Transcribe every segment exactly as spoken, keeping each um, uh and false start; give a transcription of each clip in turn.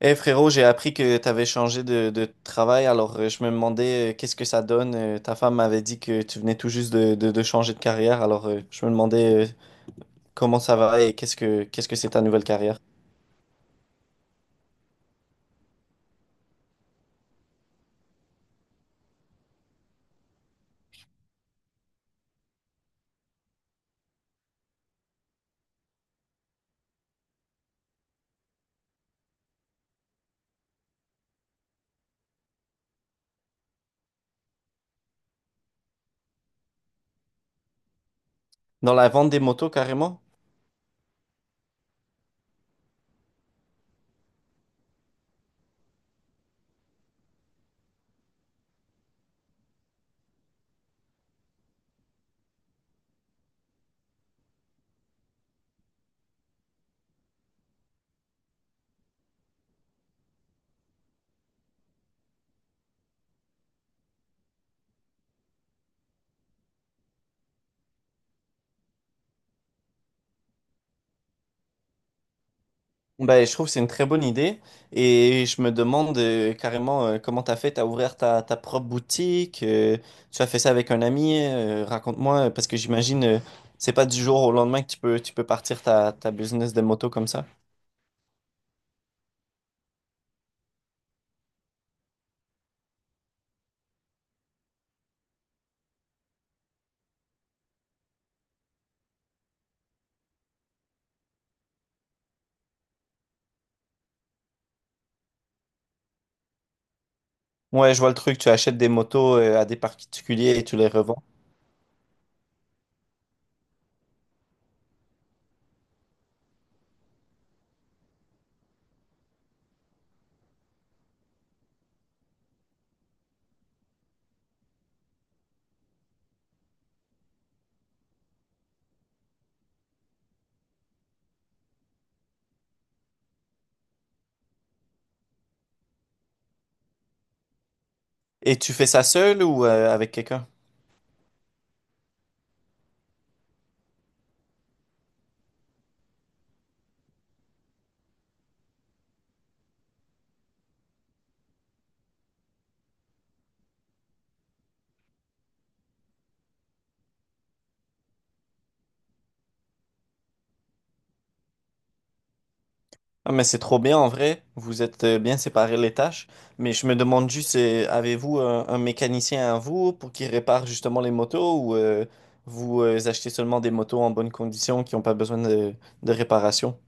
Eh frérot, j'ai appris que t'avais changé de, de travail, alors euh, je me demandais euh, qu'est-ce que ça donne. Euh, ta femme m'avait dit que tu venais tout juste de, de- de changer de carrière, alors euh, je me demandais euh, comment ça va et qu'est-ce que qu'est-ce que c'est ta nouvelle carrière. Dans la vente des motos carrément? Ben, je trouve que c'est une très bonne idée et je me demande euh, carrément euh, comment t'as fait, t'as ouvert ta, ta propre boutique, euh, tu as fait ça avec un ami, euh, raconte-moi, parce que j'imagine euh, c'est pas du jour au lendemain que tu peux, tu peux partir ta, ta business de moto comme ça. Ouais, je vois le truc. Tu achètes des motos euh, à des particuliers et tu les revends. Et tu fais ça seul ou euh, avec quelqu'un? Ah, mais c'est trop bien en vrai. Vous êtes euh, bien séparés les tâches. Mais je me demande juste, euh, avez-vous un, un mécanicien à vous pour qu'il répare justement les motos ou euh, vous euh, achetez seulement des motos en bonne condition qui n'ont pas besoin de, de réparation?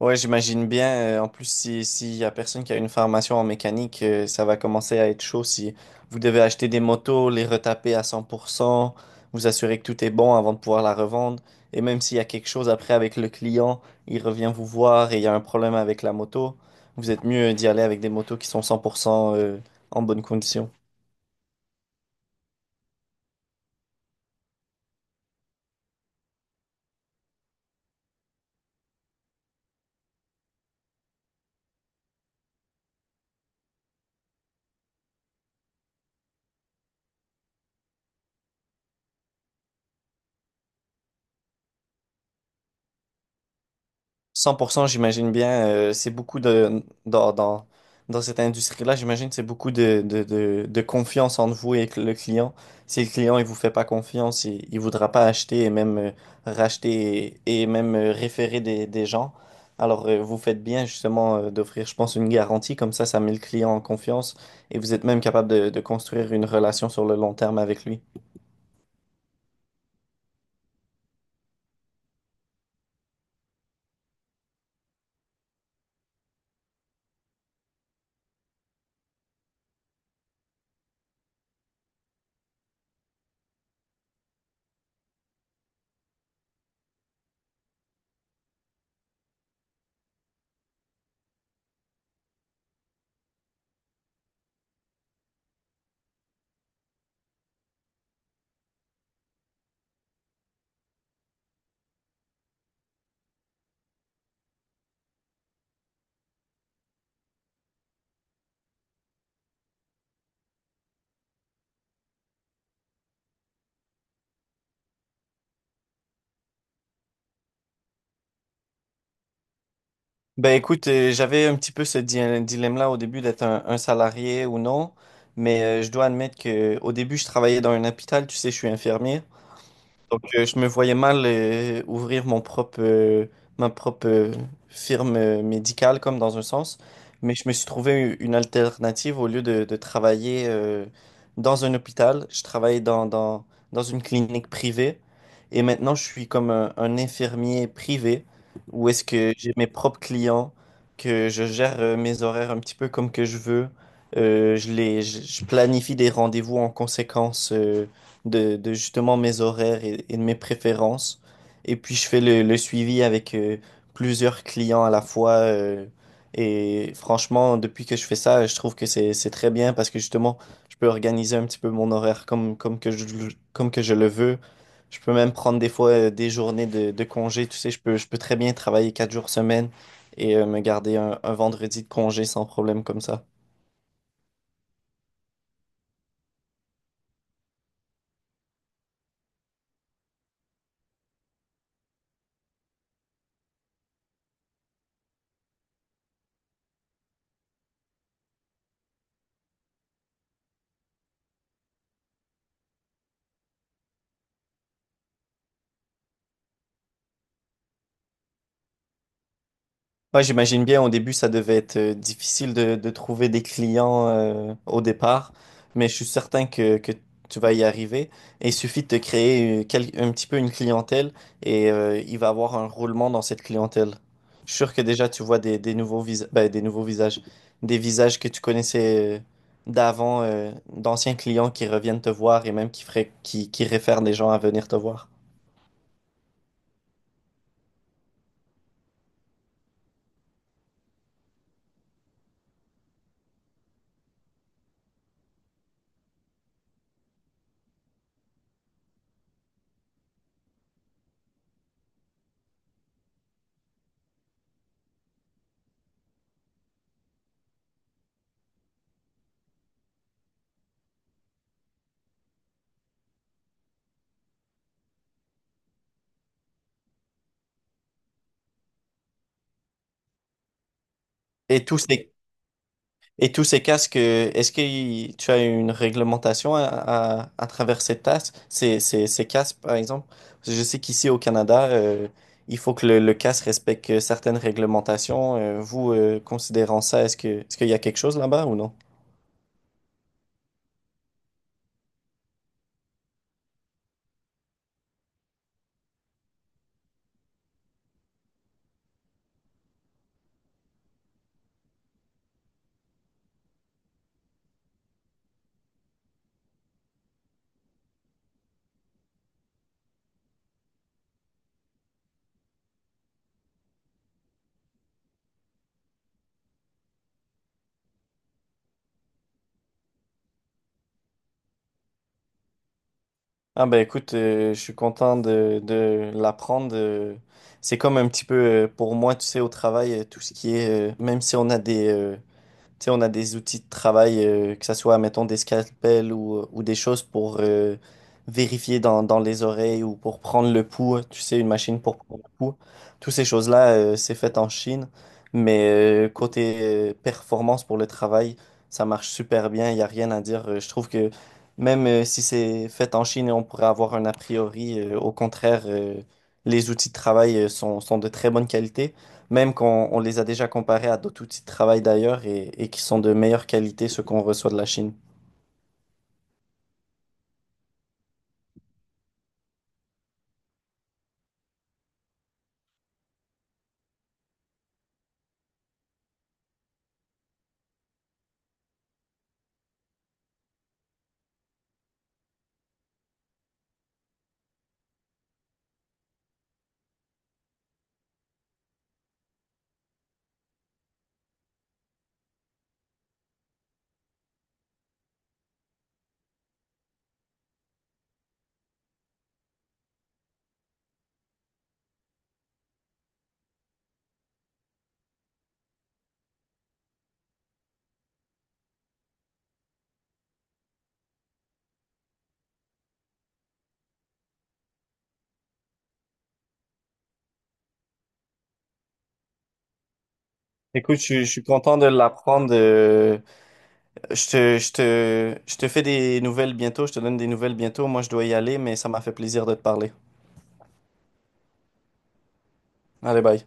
Ouais, j'imagine bien. euh, En plus, si, s'il y a personne qui a une formation en mécanique, euh, ça va commencer à être chaud si vous devez acheter des motos, les retaper à cent pour cent, vous assurer que tout est bon avant de pouvoir la revendre. Et même s'il y a quelque chose après avec le client, il revient vous voir et il y a un problème avec la moto, vous êtes mieux d'y aller avec des motos qui sont cent pour cent euh, en bonne condition. cent pour cent, j'imagine bien, euh, c'est beaucoup de, dans, dans, dans cette industrie-là, j'imagine que c'est beaucoup de, de, de, de confiance entre vous et le client. Si le client, il vous fait pas confiance, il, il voudra pas acheter et même euh, racheter et, et même euh, référer des, des gens. Alors, euh, vous faites bien justement euh, d'offrir, je pense, une garantie. Comme ça, ça met le client en confiance et vous êtes même capable de, de construire une relation sur le long terme avec lui. Ben écoute, euh, j'avais un petit peu ce di- dilemme-là au début d'être un, un salarié ou non, mais euh, je dois admettre que au début je travaillais dans un hôpital, tu sais, je suis infirmier. Donc, euh, je me voyais mal euh, ouvrir mon propre, euh, ma propre euh, firme euh, médicale, comme dans un sens. Mais je me suis trouvé une alternative au lieu de, de travailler euh, dans un hôpital. Je travaille dans, dans, dans une clinique privée. Et maintenant, je suis comme un, un infirmier privé, où est-ce que j'ai mes propres clients, que je gère euh, mes horaires un petit peu comme que je veux. Euh, je les, je, je planifie des rendez-vous en conséquence euh, de, de justement mes horaires et, et de mes préférences. Et puis je fais le, le suivi avec euh, plusieurs clients à la fois. Euh, et franchement, depuis que je fais ça, je trouve que c'est, c'est très bien parce que justement, je peux organiser un petit peu mon horaire comme, comme que je, comme que je le veux. Je peux même prendre des fois euh, des journées de, de congé. Tu sais, je peux, je peux très bien travailler quatre jours semaine et euh, me garder un, un vendredi de congé sans problème comme ça. Ouais, j'imagine bien, au début, ça devait être euh, difficile de, de trouver des clients euh, au départ, mais je suis certain que, que tu vas y arriver. Et il suffit de te créer euh, quel- un petit peu une clientèle et euh, il va avoir un roulement dans cette clientèle. Je suis sûr que déjà, tu vois des, des nouveaux vis- ben, des nouveaux visages, des visages que tu connaissais euh, d'avant, euh, d'anciens clients qui reviennent te voir et même qui feraient, qui, qui réfèrent les gens à venir te voir. Et tous ces, Et tous ces casques, euh, est-ce que y- tu as une réglementation à, à, à travers ces tasses, ces, ces, ces casques, par exemple? Parce que je sais qu'ici au Canada, euh, il faut que le, le casque respecte euh, certaines réglementations. Euh, vous, euh, considérant ça, est-ce que, est-ce qu'il y a quelque chose là-bas ou non? Ah ben écoute, euh, je suis content de, de l'apprendre. euh, C'est comme un petit peu euh, pour moi, tu sais, au travail, euh, tout ce qui est, euh, même si on a des, euh, tu sais, on a des outils de travail, euh, que ce soit, mettons, des scalpels ou, euh, ou des choses pour euh, vérifier dans, dans les oreilles ou pour prendre le pouls. Tu sais, une machine pour prendre le pouls. Toutes ces choses-là, euh, c'est fait en Chine. Mais euh, côté euh, performance pour le travail, ça marche super bien. Il n'y a rien à dire. Euh, Je trouve que même euh, si c'est fait en Chine, on pourrait avoir un a priori. Euh, au contraire, euh, les outils de travail euh, sont, sont de très bonne qualité. Même quand on les a déjà comparés à d'autres outils de travail d'ailleurs et, et qui sont de meilleure qualité, ceux qu'on reçoit de la Chine. Écoute, je, je suis content de l'apprendre. euh, Je te, je te, je te fais des nouvelles bientôt, je te donne des nouvelles bientôt. Moi, je dois y aller, mais ça m'a fait plaisir de te parler. Allez, bye.